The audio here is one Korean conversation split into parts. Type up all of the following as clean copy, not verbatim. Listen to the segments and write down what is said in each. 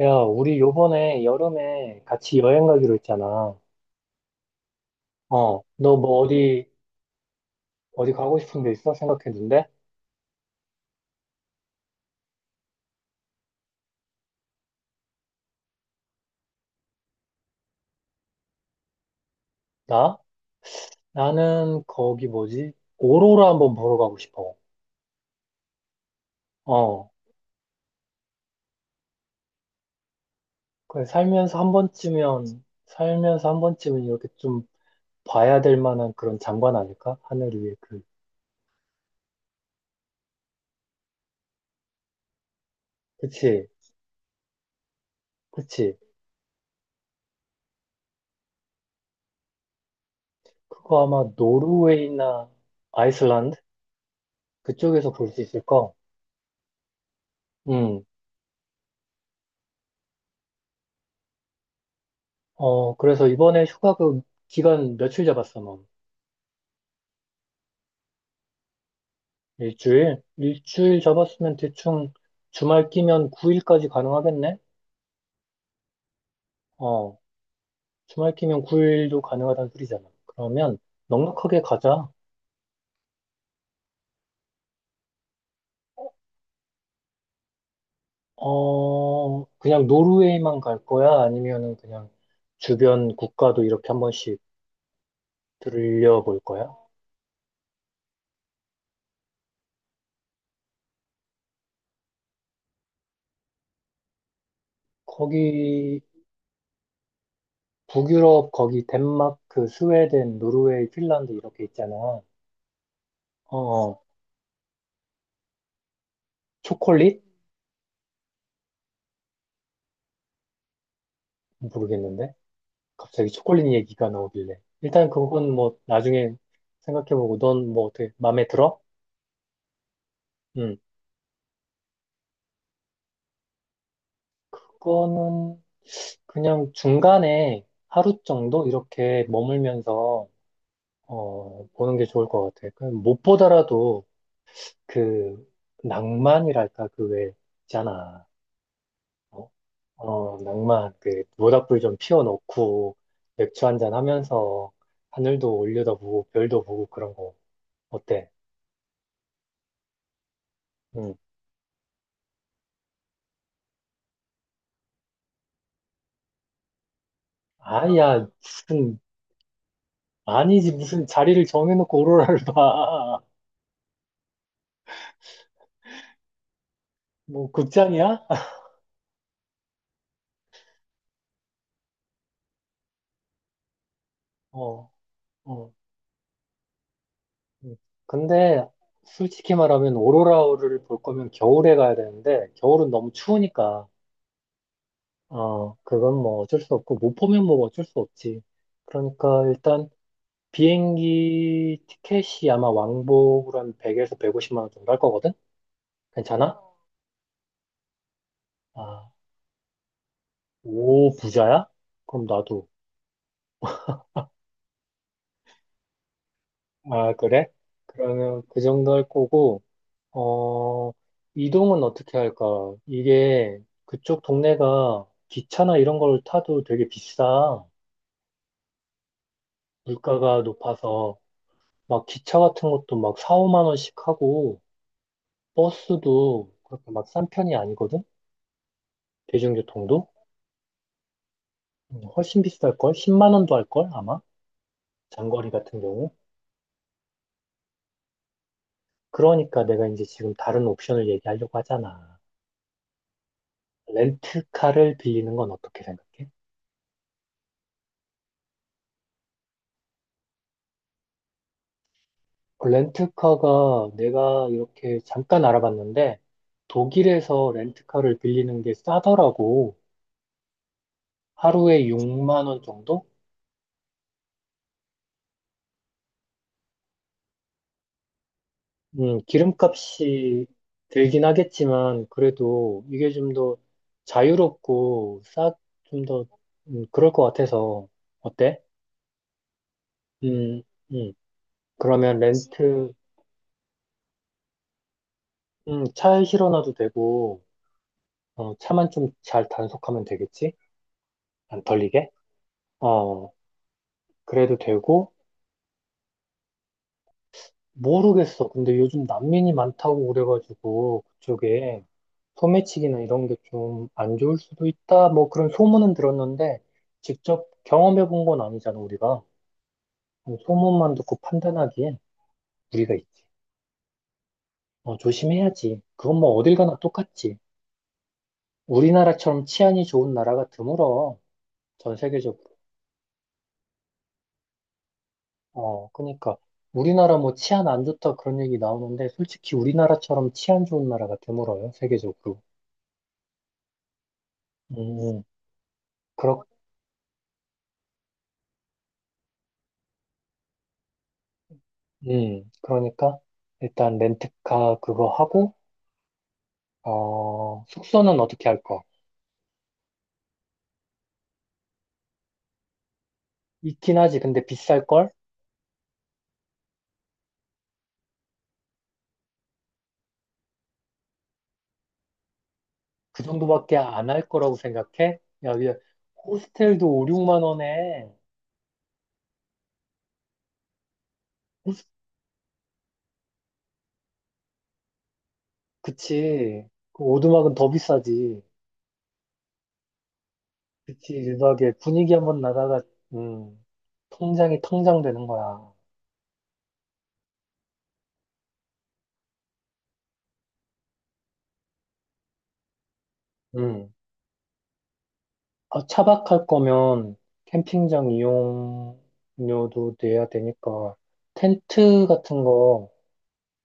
야, 우리 요번에 여름에 같이 여행 가기로 했잖아. 너 뭐 어디 가고 싶은 데 있어? 생각했는데? 나? 나는 거기 뭐지? 오로라 한번 보러 가고 싶어. 어, 그래 살면서 한 번쯤은 이렇게 좀 봐야 될 만한 그런 장관 아닐까? 하늘 위에 그. 그치, 그치. 그거 아마 노르웨이나 아이슬란드? 그쪽에서 볼 수 있을 거. 음. 그래서 이번에 휴가 그 기간 며칠 잡았어, 넌? 일주일? 일주일 잡았으면 대충 주말 끼면 9일까지 가능하겠네? 어, 주말 끼면 9일도 가능하다는 소리잖아. 그러면 넉넉하게 가자. 그냥 노르웨이만 갈 거야? 아니면은 그냥 주변 국가도 이렇게 한 번씩 들려볼 거야? 거기, 북유럽, 거기 덴마크, 그 스웨덴, 노르웨이, 핀란드 이렇게 있잖아. 어, 초콜릿? 모르겠는데? 갑자기 초콜릿 얘기가 나오길래. 일단 그건 뭐 나중에 생각해보고 넌 뭐 어떻게 마음에 들어? 음, 그거는 그냥 중간에 하루 정도 이렇게 머물면서 보는 게 좋을 것 같아. 그냥 못 보더라도 그 낭만이랄까 그 왜 있잖아. 어, 낭만 그 모닥불 좀 피워놓고 맥주 한 잔 하면서 하늘도 올려다보고 별도 보고 그런 거 어때? 음. 아야 무슨 아니지, 무슨 자리를 정해놓고 오로라를 봐. 뭐, 극장이야? 어, 어. 근데, 솔직히 말하면 오로라를 볼 거면 겨울에 가야 되는데, 겨울은 너무 추우니까, 그건 뭐 어쩔 수 없고, 못 보면 뭐 어쩔 수 없지. 그러니까 일단, 비행기 티켓이 아마 왕복으로 한 100에서 150만 원 정도 할 거거든? 괜찮아? 아, 오, 부자야? 그럼 나도. 아, 그래? 그러면 그 정도 할 거고, 어, 이동은 어떻게 할까? 이게 그쪽 동네가 기차나 이런 걸 타도 되게 비싸. 물가가 높아서 막 기차 같은 것도 막 4, 5만 원씩 하고 버스도 그렇게 막 싼 편이 아니거든? 대중교통도? 훨씬 비쌀걸? 10만 원도 할 걸? 아마? 장거리 같은 경우? 그러니까 내가 이제 지금 다른 옵션을 얘기하려고 하잖아. 렌트카를 빌리는 건 어떻게 생각해? 그 렌트카가 내가 이렇게 잠깐 알아봤는데 독일에서 렌트카를 빌리는 게 싸더라고. 하루에 6만 원 정도? 기름값이 들긴 하겠지만 그래도 이게 좀 더 자유롭고 싸, 좀더 그럴 것 같아서 어때? 음, 음. 그러면 렌트, 차에 실어놔도 되고 차만 좀 잘 단속하면 되겠지? 안 털리게? 어, 그래도 되고 모르겠어. 근데 요즘 난민이 많다고 그래가지고 그쪽에 소매치기나 이런 게 좀 안 좋을 수도 있다. 뭐 그런 소문은 들었는데 직접 경험해 본 건 아니잖아, 우리가. 소문만 듣고 판단하기엔 우리가 있지. 조심해야지. 그건 뭐 어딜 가나 똑같지. 우리나라처럼 치안이 좋은 나라가 드물어. 전 세계적으로. 그러니까 우리나라 뭐 치안 안 좋다 그런 얘기 나오는데 솔직히 우리나라처럼 치안 좋은 나라가 드물어요, 세계적으로. 음. 그러니까 일단 렌트카 그거 하고 숙소는 어떻게 할 거? 있긴 하지. 근데 비쌀 걸? 그 정도밖에 안 할 거라고 생각해? 야, 야, 호스텔도 5, 6만 원에. 그치. 그 오두막은 더 비싸지. 그치. 유박에 분위기 한번 나다가 음, 통장이 텅장 되는 거야. 음. 아, 차박할 거면 캠핑장 이용료도 내야 되니까 텐트 같은 거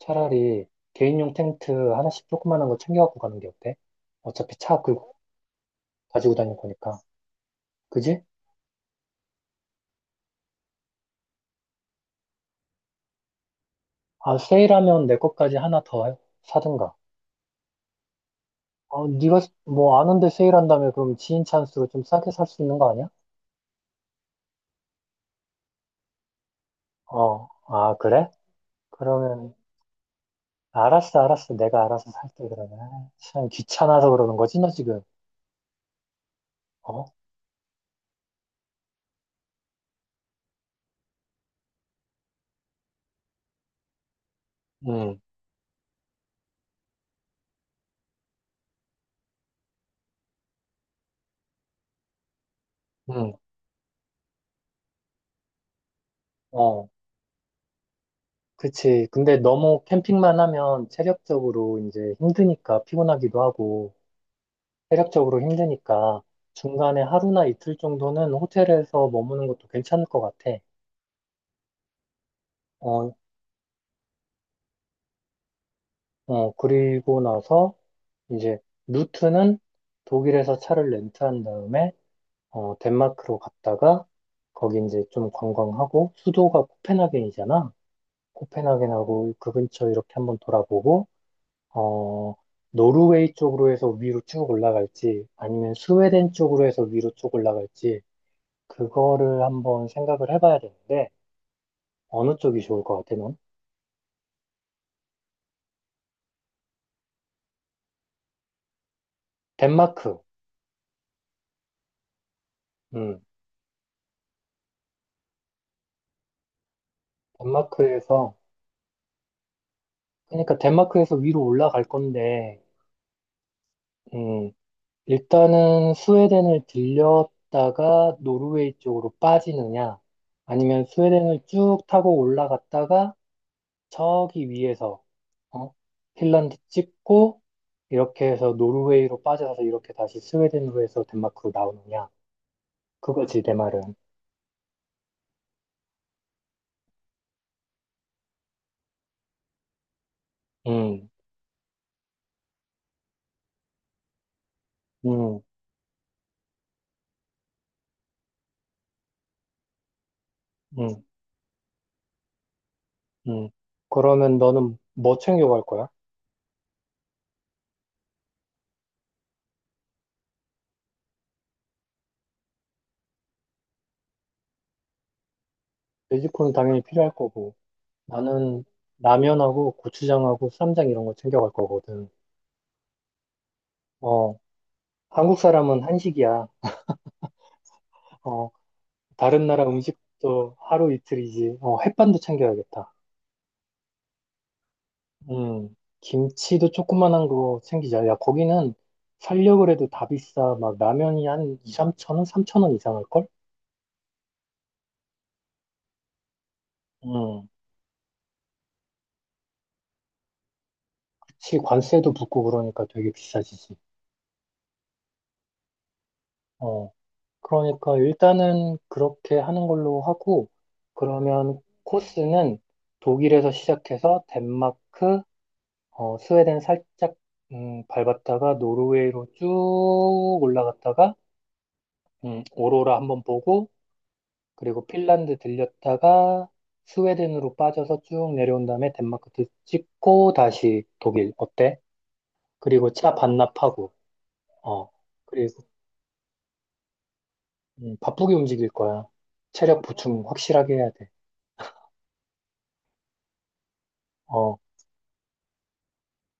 차라리 개인용 텐트 하나씩 조그만한 거 챙겨갖고 가는 게 어때? 어차피 차 가지고 다닐 거니까. 그지? 아, 세일하면 내 것까지 하나 더 사든가. 네가 뭐 아는데 세일한다며 그럼 지인 찬스로 좀 싸게 살 수 있는 거 아니야? 어, 아, 그래? 그러면 알았어, 알았어. 내가 알아서 살게 그러면. 아, 참 귀찮아서 그러는 거지, 너 지금. 어? 응, 응, 어. 그치. 근데 너무 캠핑만 하면 체력적으로 이제 힘드니까 피곤하기도 하고 체력적으로 힘드니까 중간에 하루나 이틀 정도는 호텔에서 머무는 것도 괜찮을 것 같아. 어, 그리고 나서 이제 루트는 독일에서 차를 렌트한 다음에 덴마크로 갔다가 거기 이제 좀 관광하고 수도가 코펜하겐이잖아. 코펜하겐하고 그 근처 이렇게 한번 돌아보고 어, 노르웨이 쪽으로 해서 위로 쭉 올라갈지 아니면 스웨덴 쪽으로 해서 위로 쭉 올라갈지 그거를 한번 생각을 해봐야 되는데 어느 쪽이 좋을 것 같아, 넌? 덴마크. 음, 덴마크에서, 그러니까 덴마크에서 위로 올라갈 건데, 음, 일단은 스웨덴을 들렸다가 노르웨이 쪽으로 빠지느냐, 아니면 스웨덴을 쭉 타고 올라갔다가 저기 위에서, 어? 핀란드 찍고, 이렇게 해서 노르웨이로 빠져서 이렇게 다시 스웨덴으로 해서 덴마크로 나오느냐. 그거지, 내 말은. 음, 음, 음, 음. 그러면 너는 뭐 챙겨갈 거야? 돼지코는 당연히 필요할 거고, 나는 라면하고 고추장하고 쌈장 이런 거 챙겨갈 거거든. 어, 한국 사람은 한식이야. 어, 다른 나라 음식도 하루 이틀이지. 햇반도 챙겨야겠다. 음, 김치도 조그만한 거 챙기자. 야, 거기는 살려고 해도 다 비싸. 막 라면이 한 2, 3천 원, 3천 원 이상할걸? 음, 그치. 관세도 붙고 그러니까 되게 비싸지지. 어, 그러니까 일단은 그렇게 하는 걸로 하고, 그러면 코스는 독일에서 시작해서 덴마크, 스웨덴 살짝 밟았다가 노르웨이로 쭉 올라갔다가 오로라 한번 보고, 그리고 핀란드 들렸다가 스웨덴으로 빠져서 쭉 내려온 다음에 덴마크 찍고 다시 독일 어때? 그리고 차 반납하고, 어, 그리고 바쁘게 움직일 거야. 체력 보충 확실하게 해야 돼. 어.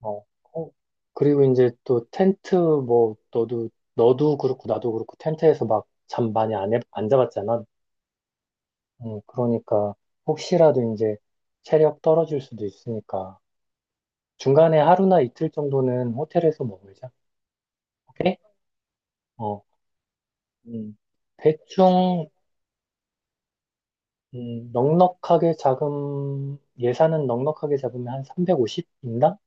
어, 어, 그리고 이제 또 텐트 뭐 너도 그렇고 나도 그렇고 텐트에서 막 잠 많이 안 잡았잖아. 그러니까 혹시라도 이제 체력 떨어질 수도 있으니까 중간에 하루나 이틀 정도는 호텔에서 먹으자. 오케이? 어, 음, 대충 넉넉하게 잡음 예산은 넉넉하게 잡으면 한 350인당?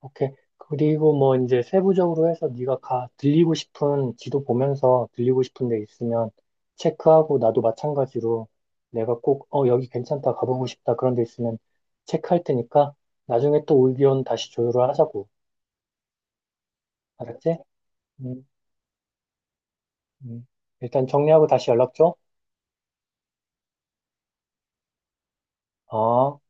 오케이. 그리고 뭐 이제 세부적으로 해서 네가 가 들리고 싶은 지도 보면서 들리고 싶은 데 있으면 체크하고 나도 마찬가지로 내가 꼭 여기 괜찮다 가보고 싶다 그런 데 있으면 체크할 테니까 나중에 또 의견 다시 조율을 하자고. 알았지? 음, 음. 일단 정리하고 다시 연락 줘. 어.